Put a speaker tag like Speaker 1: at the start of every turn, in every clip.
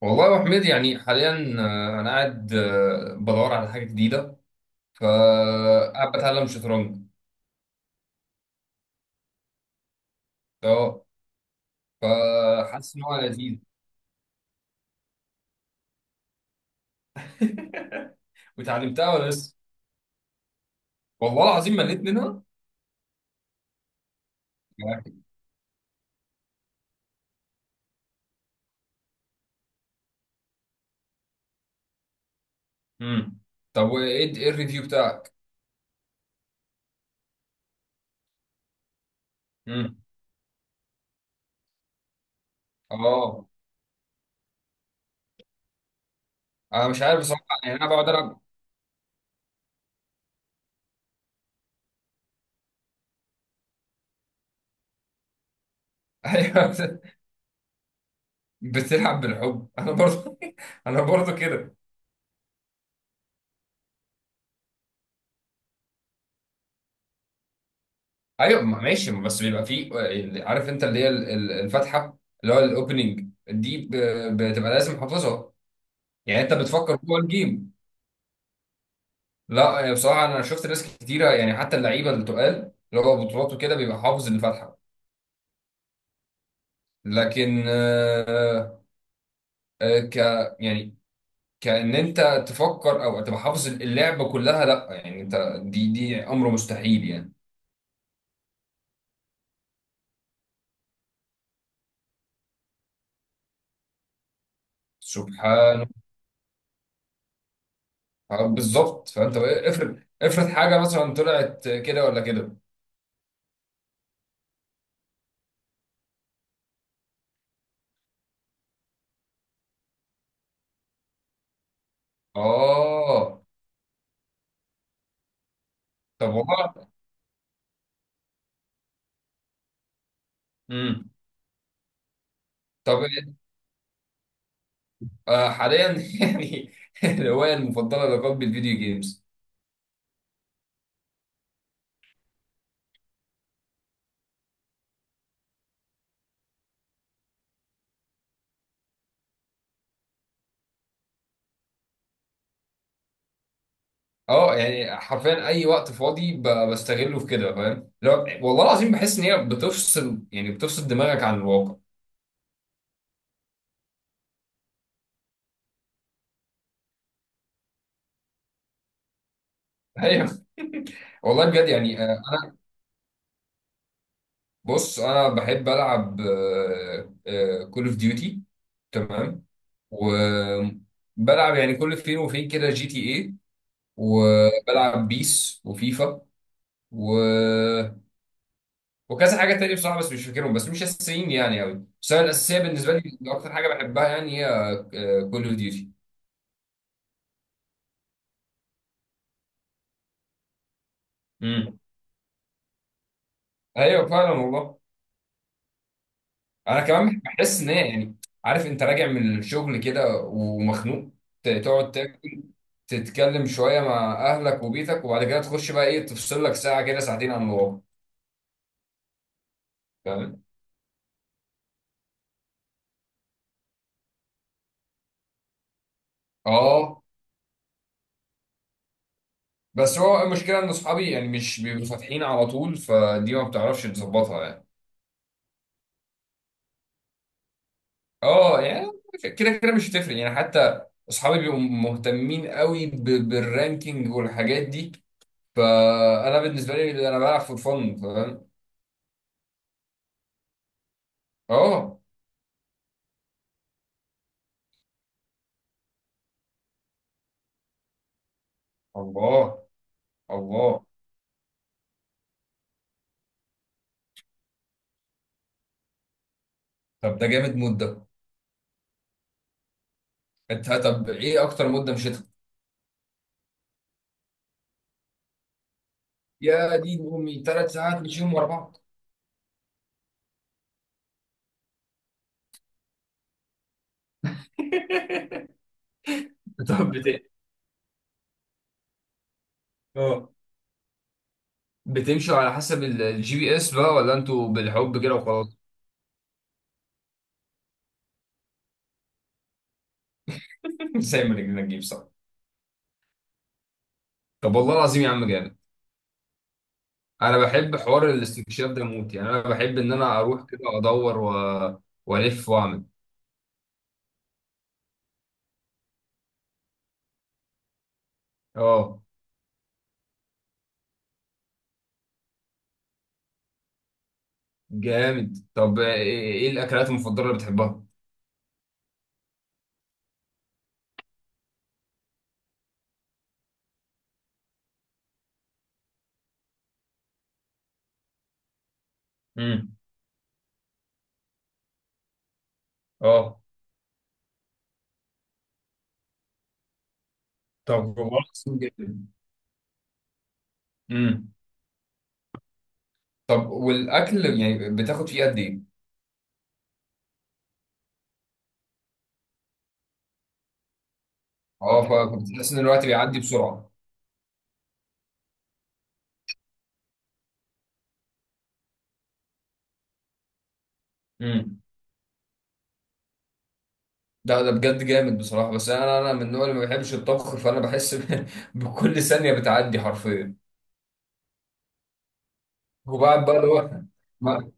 Speaker 1: والله يا أبو حميد، يعني حاليا انا قاعد، بدور على حاجه جديده، فقاعد بتعلم شطرنج. اه، فحاسس ان هو لذيذ. وتعلمتها ولا لسه؟ والله العظيم مليت منها. امم، طب وايه الريفيو بتاعك؟ امم، اه، انا مش عارف بصراحه، يعني انا بقعد العب. ايوه، بتلعب بالحب؟ انا برضه، انا برضه كده. ايوه، ماشي، بس بيبقى فيه عارف، انت اللي هي الفاتحه اللي هو الاوبننج دي، بتبقى لازم حافظها. يعني انت بتفكر جوه الجيم؟ لا، يعني بصراحه انا شفت ناس كتيره، يعني حتى اللعيبه اللي تقال، اللي هو بطولاته كده بيبقى حافظ الفاتحه. لكن آه، ك يعني كأن انت تفكر او تبقى حافظ اللعبه كلها، لا يعني انت دي امر مستحيل يعني. سبحان. بالظبط. فانت بقى افرض، افرض حاجه مثلا طلعت كده ولا كده. اه، طب والله. امم. طب حاليا، يعني الهوايه المفضله لقلب الفيديو جيمز. اه، يعني حرفيا اي وقت فاضي بستغله في كده، فاهم؟ لو والله العظيم بحس ان هي بتفصل، يعني بتفصل دماغك عن الواقع. ايوه. والله بجد يعني، انا بص انا بحب العب كول اوف ديوتي، تمام. وبلعب يعني كل فين وفين كده جي تي اي، وبلعب بيس وفيفا، و وكذا حاجه تانية بصراحه، بس مش فاكرهم، بس مش اساسيين يعني قوي. بس انا الاساسيه بالنسبه لي، اكتر حاجه بحبها يعني هي كول اوف ديوتي. ايوه فعلا والله. انا كمان بحس ان هي يعني، عارف، انت راجع من الشغل كده ومخنوق، تقعد تاكل، تتكلم شويه مع اهلك وبيتك، وبعد كده تخش بقى ايه، تفصل لك ساعه كده، ساعتين عن الواقع، فاهم؟ اه، بس هو المشكله ان اصحابي يعني مش بيبقوا فاتحين على طول، فدي ما بتعرفش تظبطها يعني. اه، يعني كده كده مش هتفرق يعني. حتى اصحابي بيبقوا مهتمين قوي بالرانكينج والحاجات دي، فانا بالنسبه لي انا بلعب فور فن، فاهم؟ اه. الله، الله. طب ده جامد مدة. انت طب ايه اكتر مدة مشيتها؟ يا دين امي، 3 ساعات مشيهم ورا بعض؟ طب بت، اه بتمشوا على حسب الجي بي اس بقى، ولا انتوا بالحب كده وخلاص؟ زي ما رجلنا تجيب، صح. طب والله العظيم يا عم جامد. انا بحب حوار الاستكشاف ده موت، يعني انا بحب ان انا اروح كده ادور و والف واعمل. اه. جامد. طب ايه الاكلات المفضلة اللي بتحبها؟ امم. اه، طب والله العظيم. جامد. طب والاكل يعني بتاخد فيه قد ايه؟ اه، فبتحس ان الوقت بيعدي بسرعه. امم. ده بجد جامد بصراحه، بس انا، انا من النوع اللي ما بيحبش الطبخ، فانا بحس بكل ثانيه بتعدي حرفيا، وبعد بقى اللي هو ما-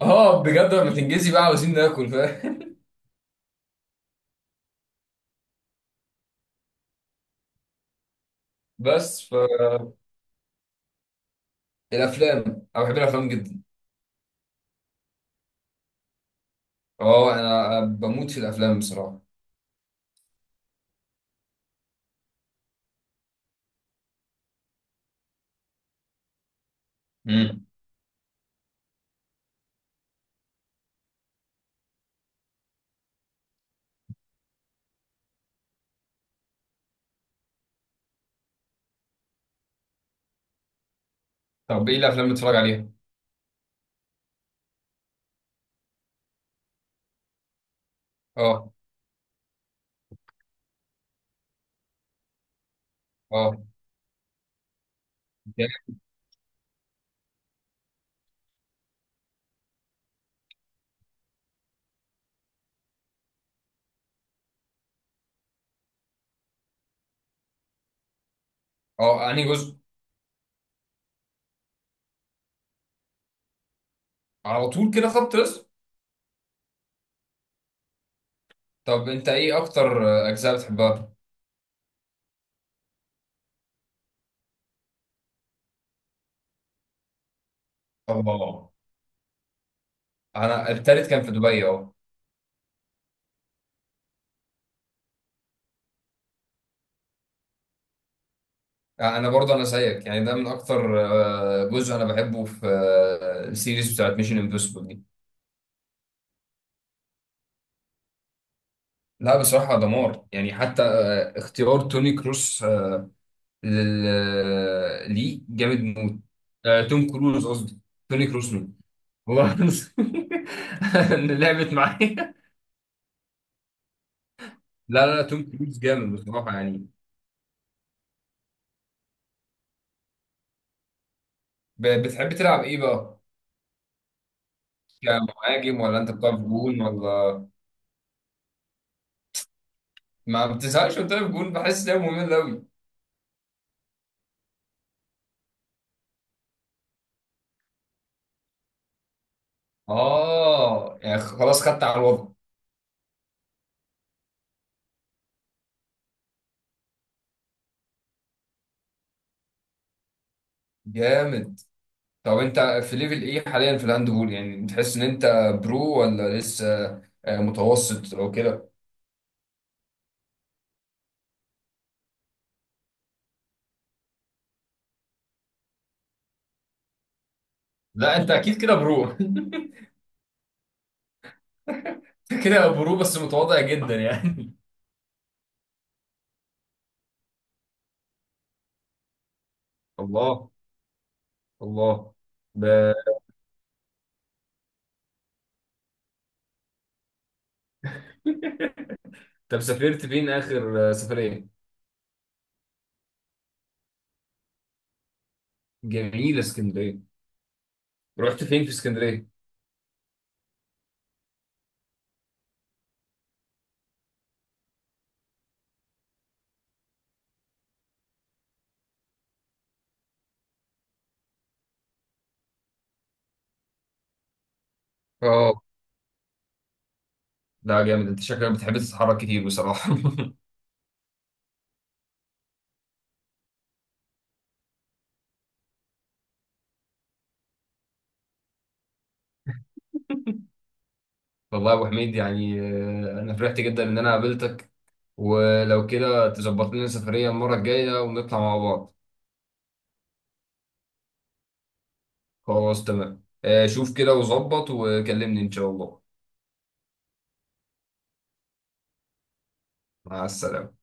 Speaker 1: اه بجد، لما تنجزي بقى عاوزين ناكل، فاهم؟ بس. فالافلام، انا بحب الافلام جدا. اه، انا بموت في الافلام بصراحه. امم. طب ايه الافلام اللي بتتفرج عليها؟ اه. اه. اه، انهي جزء؟ على طول كده خط رسم؟ طب انت ايه اكتر اجزاء بتحبها؟ اه، انا التالت كان في دبي، اه. انا برضه، انا زيك يعني، ده من اكتر جزء انا بحبه في السيريز بتاعت ميشن امبوسيبل دي. لا بصراحه دمار، يعني حتى اختيار توني كروس، ليه جامد موت. توم كروز قصدي. توني كروز مين؟ والله اللي لعبت معايا. لا لا لا، توم كروز جامد بصراحه يعني. بتحب تلعب ايه بقى، كمهاجم ولا انت بتلعب جون ولا؟ ما بتزهقش وانت واقف جون؟ بحس ان هي ممله قوي. اه يعني خلاص، خدت على الوضع. جامد. طب انت في ليفل ايه حاليا في الهاند بول؟ يعني تحس ان انت برو ولا لسه متوسط او كده؟ لا انت اكيد كده برو. انت كده برو بس متواضع جدا يعني. الله، الله. ب- طب سافرت فين اخر سفريه؟ جميله اسكندريه. رحت فين في اسكندريه؟ اه. ده جامد، انت شكلك بتحب تتحرك كتير بصراحه. والله يا ابو حميد، يعني انا فرحت جدا ان انا قابلتك، ولو كده تظبط لنا سفريه المره الجايه ونطلع مع بعض. خلاص تمام، شوف كده وظبط وكلمني ان شاء الله. مع السلامه.